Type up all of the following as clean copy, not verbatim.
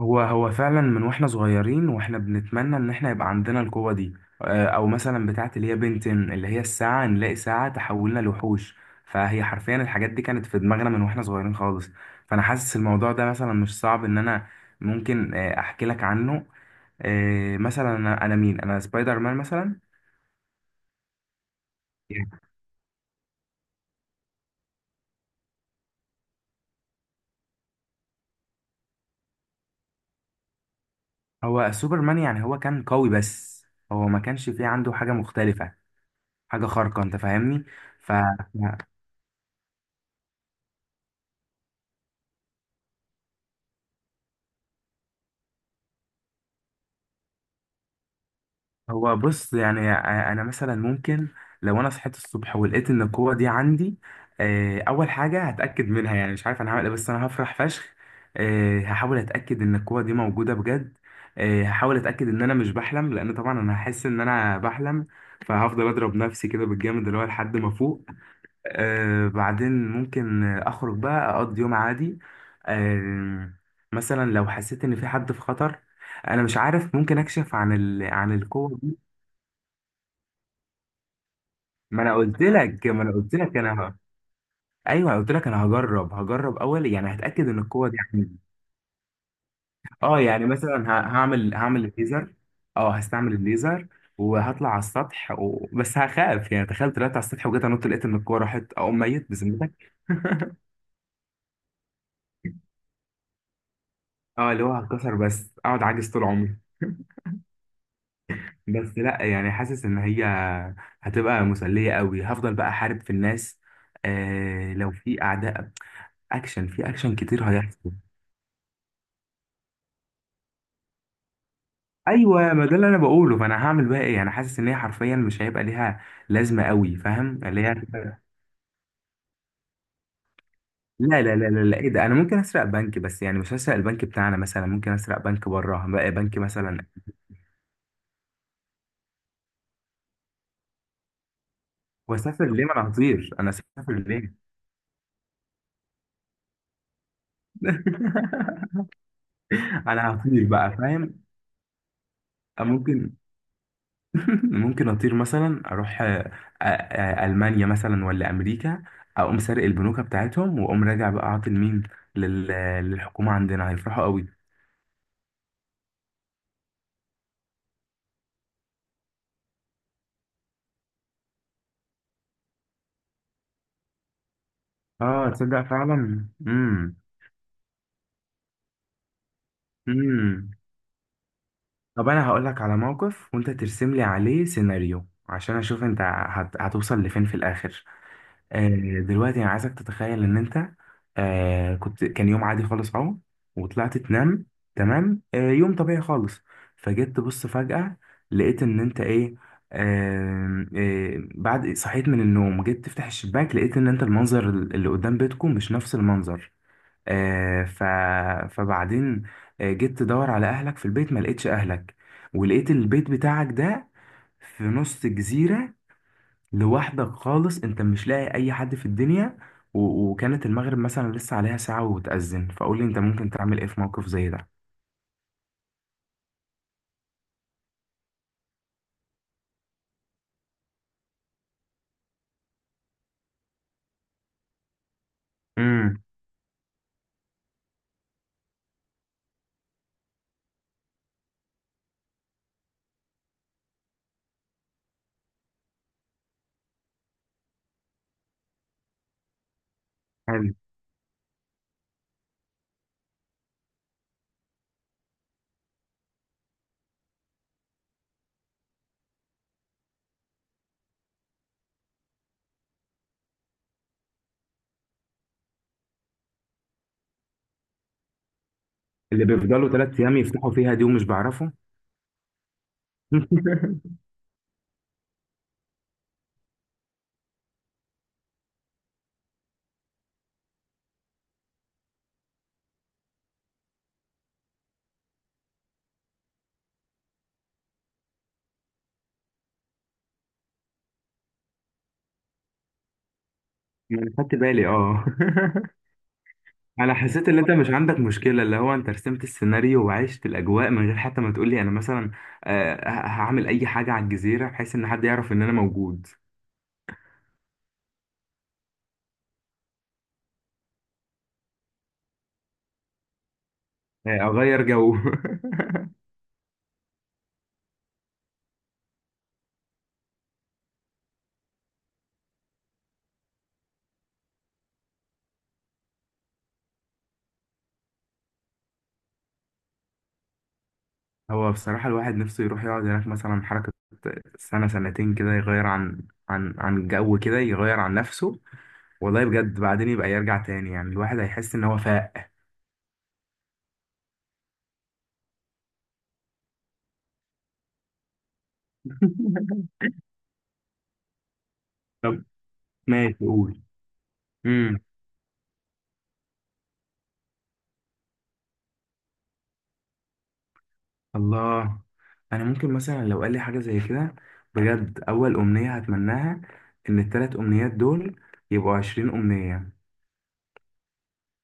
هو فعلا من واحنا صغيرين، واحنا بنتمنى ان احنا يبقى عندنا القوة دي. او مثلا بتاعه اللي هي بنتن اللي هي الساعة، نلاقي ساعة تحولنا لوحوش. فهي حرفيا الحاجات دي كانت في دماغنا من واحنا صغيرين خالص. فانا حاسس الموضوع ده مثلا مش صعب ان انا ممكن احكي لك عنه. مثلا انا مين انا سبايدر مان مثلا. Yeah. هو سوبرمان يعني هو كان قوي بس. هو ما كانش فيه عنده حاجة مختلفة، حاجة خارقة، انت فاهمني؟ ف هو بص، يعني انا مثلا ممكن، لو انا صحيت الصبح ولقيت ان القوه دي عندي، اول حاجه هتاكد منها، يعني مش عارف انا هعمل ايه بس انا هفرح فشخ. هحاول اتاكد ان القوه دي موجوده بجد. هحاول اتاكد ان انا مش بحلم، لان طبعا انا هحس ان انا بحلم، فهفضل اضرب نفسي كده بالجامد اللي هو لحد ما افوق. بعدين ممكن اخرج بقى اقضي يوم عادي. آه، مثلا لو حسيت ان في حد في خطر، انا مش عارف، ممكن اكشف عن عن القوه دي. ما انا قلت لك، ايوه، قلت لك انا هجرب اول، يعني هتاكد ان القوه دي عندي. اه يعني مثلا هعمل الليزر. اه هستعمل الليزر وهطلع على السطح بس هخاف، يعني تخيل طلعت على السطح وجيت لقيت ان الكوره راحت اقوم ميت بذمتك اه اللي هو هتكسر بس اقعد عاجز طول عمري. بس لا، يعني حاسس ان هي هتبقى مسلية قوي، هفضل بقى احارب في الناس. آه لو في اعداء، اكشن في اكشن كتير هيحصل. ايوه، ما ده اللي انا بقوله، فانا هعمل بقى ايه؟ انا حاسس ان هي حرفيا مش هيبقى ليها لازمه قوي، فاهم اللي هي لا لا لا لا لا، ايه ده، انا ممكن اسرق بنك، بس يعني مش هسرق البنك بتاعنا، مثلا ممكن اسرق بنك بره بقى، بنك مثلا. واسافر ليه؟ ما انا هطير، انا اسافر ليه؟ انا هطير بقى، فاهم؟ ممكن ممكن اطير مثلا اروح المانيا مثلا ولا امريكا، اقوم سارق البنوك بتاعتهم واقوم راجع بقى عاطي لمين، لل- للحكومه عندنا، هيفرحوا قوي. اه تصدق فعلا. امم طب انا هقول لك على موقف وانت ترسم لي عليه سيناريو، عشان اشوف انت هتوصل لفين في الاخر. آه دلوقتي انا عايزك تتخيل ان انت، آه كنت، كان يوم عادي خالص اهو، وطلعت تنام. تمام؟ آه يوم طبيعي خالص، فجيت تبص فجأة لقيت ان انت ايه، آه آه بعد صحيت من النوم جيت تفتح الشباك لقيت ان انت المنظر اللي قدام بيتكم مش نفس المنظر. آه، ف... فبعدين جيت تدور على اهلك في البيت ما لقيتش اهلك، ولقيت البيت بتاعك ده في نص جزيرة، لوحدك خالص، انت مش لاقي اي حد في الدنيا، و... وكانت المغرب مثلا لسه عليها ساعة وتأذن، فقول لي انت ممكن تعمل ايه في موقف زي ده؟ امم حلو. اللي بيفضلوا ثلاث ايام يفتحوا فيها دي ومش بعرفه ما انا خدت بالي اه انا حسيت ان انت مش عندك مشكله، اللي هو انت رسمت السيناريو وعشت الاجواء من غير حتى ما تقولي انا مثلا هعمل اي حاجه على الجزيره بحيث ان حد يعرف ان انا موجود. اغير جو هو بصراحه الواحد نفسه يروح يقعد هناك مثلا حركه سنه سنتين كده، يغير عن الجو كده، يغير عن نفسه. والله بجد، بعدين يبقى يرجع تاني، يعني الواحد هيحس ان هو فاق طب ماشي قول. امم. الله، انا ممكن مثلا لو قال لي حاجه زي كده، بجد اول امنيه هتمناها ان الثلاث امنيات دول يبقوا 20 امنيه.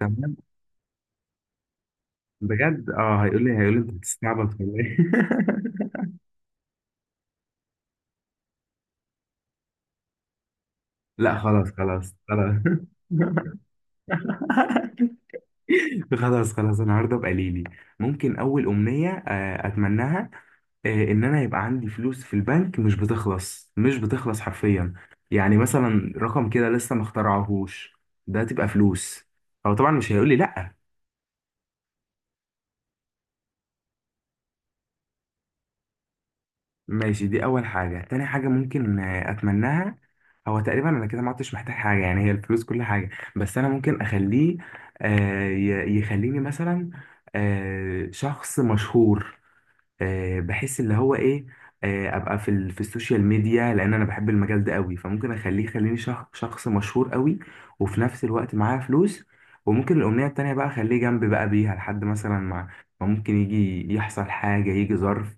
تمام، بجد اه هيقول لي انت بتستعبط ولا ايه لا خلاص خلاص خلاص خلاص خلاص النهارده بقى ليلي، ممكن اول امنيه اتمناها ان انا يبقى عندي فلوس في البنك مش بتخلص، مش بتخلص حرفيا، يعني مثلا رقم كده لسه ما اخترعهوش، ده تبقى فلوس. هو طبعا مش هيقول لي لا. ماشي، دي اول حاجه. تاني حاجه ممكن اتمناها، هو تقريبا انا كده ما عدتش محتاج حاجه يعني، هي الفلوس كل حاجه، بس انا ممكن اخليه يخليني مثلا شخص مشهور، بحس اللي هو ايه، ابقى في في السوشيال ميديا، لان انا بحب المجال ده قوي، فممكن اخليه يخليني شخص مشهور قوي، وفي نفس الوقت معايا فلوس. وممكن الامنيه التانيه بقى اخليه جنبي بقى بيها لحد مثلا ما، ما ممكن يجي يحصل حاجه، يجي ظرف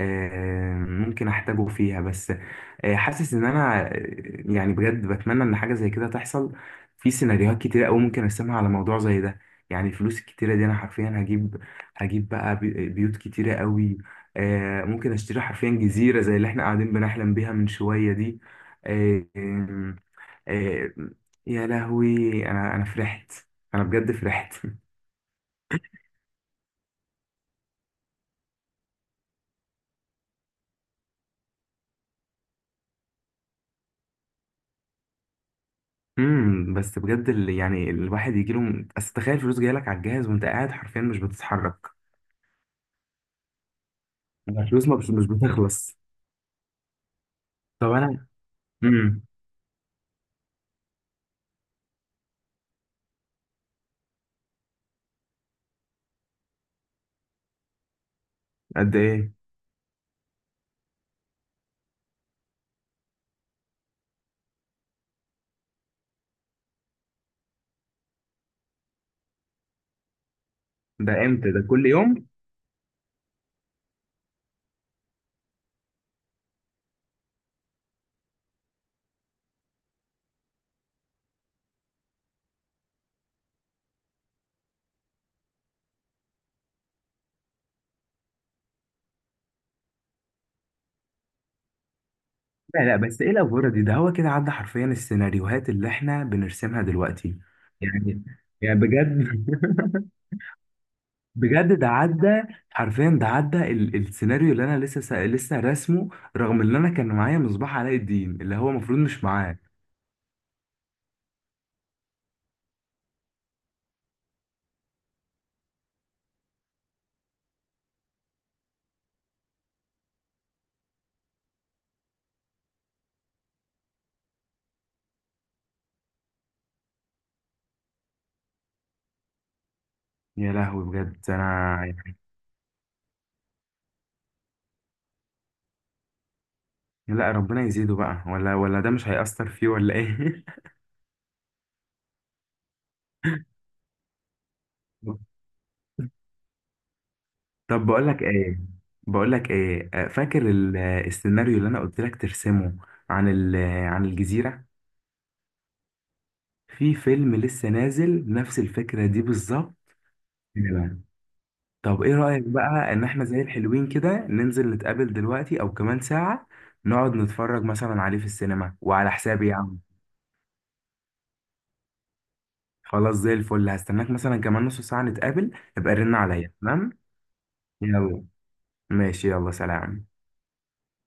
ممكن احتاجه فيها. بس حاسس ان انا يعني بجد بتمنى ان حاجه زي كده تحصل. في سيناريوهات كتيره قوي ممكن ارسمها على موضوع زي ده. يعني الفلوس الكتيره دي انا حرفيا هجيب، بيوت كتيره قوي. ممكن اشتري حرفيا جزيره زي اللي احنا قاعدين بنحلم بيها من شويه دي. آه، آه، آه، يا لهوي، انا فرحت، انا بجد فرحت. بس بجد اللي، يعني الواحد يجي له، اصل تخيل فلوس جايه لك على الجهاز وانت قاعد حرفيا مش بتتحرك، الفلوس ما بت- مش بتخلص. طب انا امم قد ايه؟ ده امتى؟ ده كل يوم؟ لا لا، بس ايه الافوره دي؟ ده هو كده عدى حرفيا السيناريوهات اللي احنا بنرسمها دلوقتي، يعني بجد بجد ده عدى حرفيا، ده عدى السيناريو اللي انا لسه لسه راسمه، رغم ان انا كان معايا مصباح علاء الدين اللي هو المفروض مش معاه. يا لهوي بجد انا. لا، ربنا يزيده بقى، ولا ده مش هيأثر فيه ولا ايه طب بقول لك ايه، بقول لك ايه فاكر السيناريو اللي انا قلت لك ترسمه عن عن الجزيرة؟ في فيلم لسه نازل نفس الفكرة دي بالظبط. نعم. طب ايه رأيك بقى ان احنا زي الحلوين كده ننزل نتقابل دلوقتي او كمان ساعة، نقعد نتفرج مثلا عليه في السينما، وعلى حسابي يا عم. خلاص زي الفل، هستناك مثلا كمان نص ساعة نتقابل، ابقى رن عليا، تمام؟ يلا، ماشي، يلا سلام.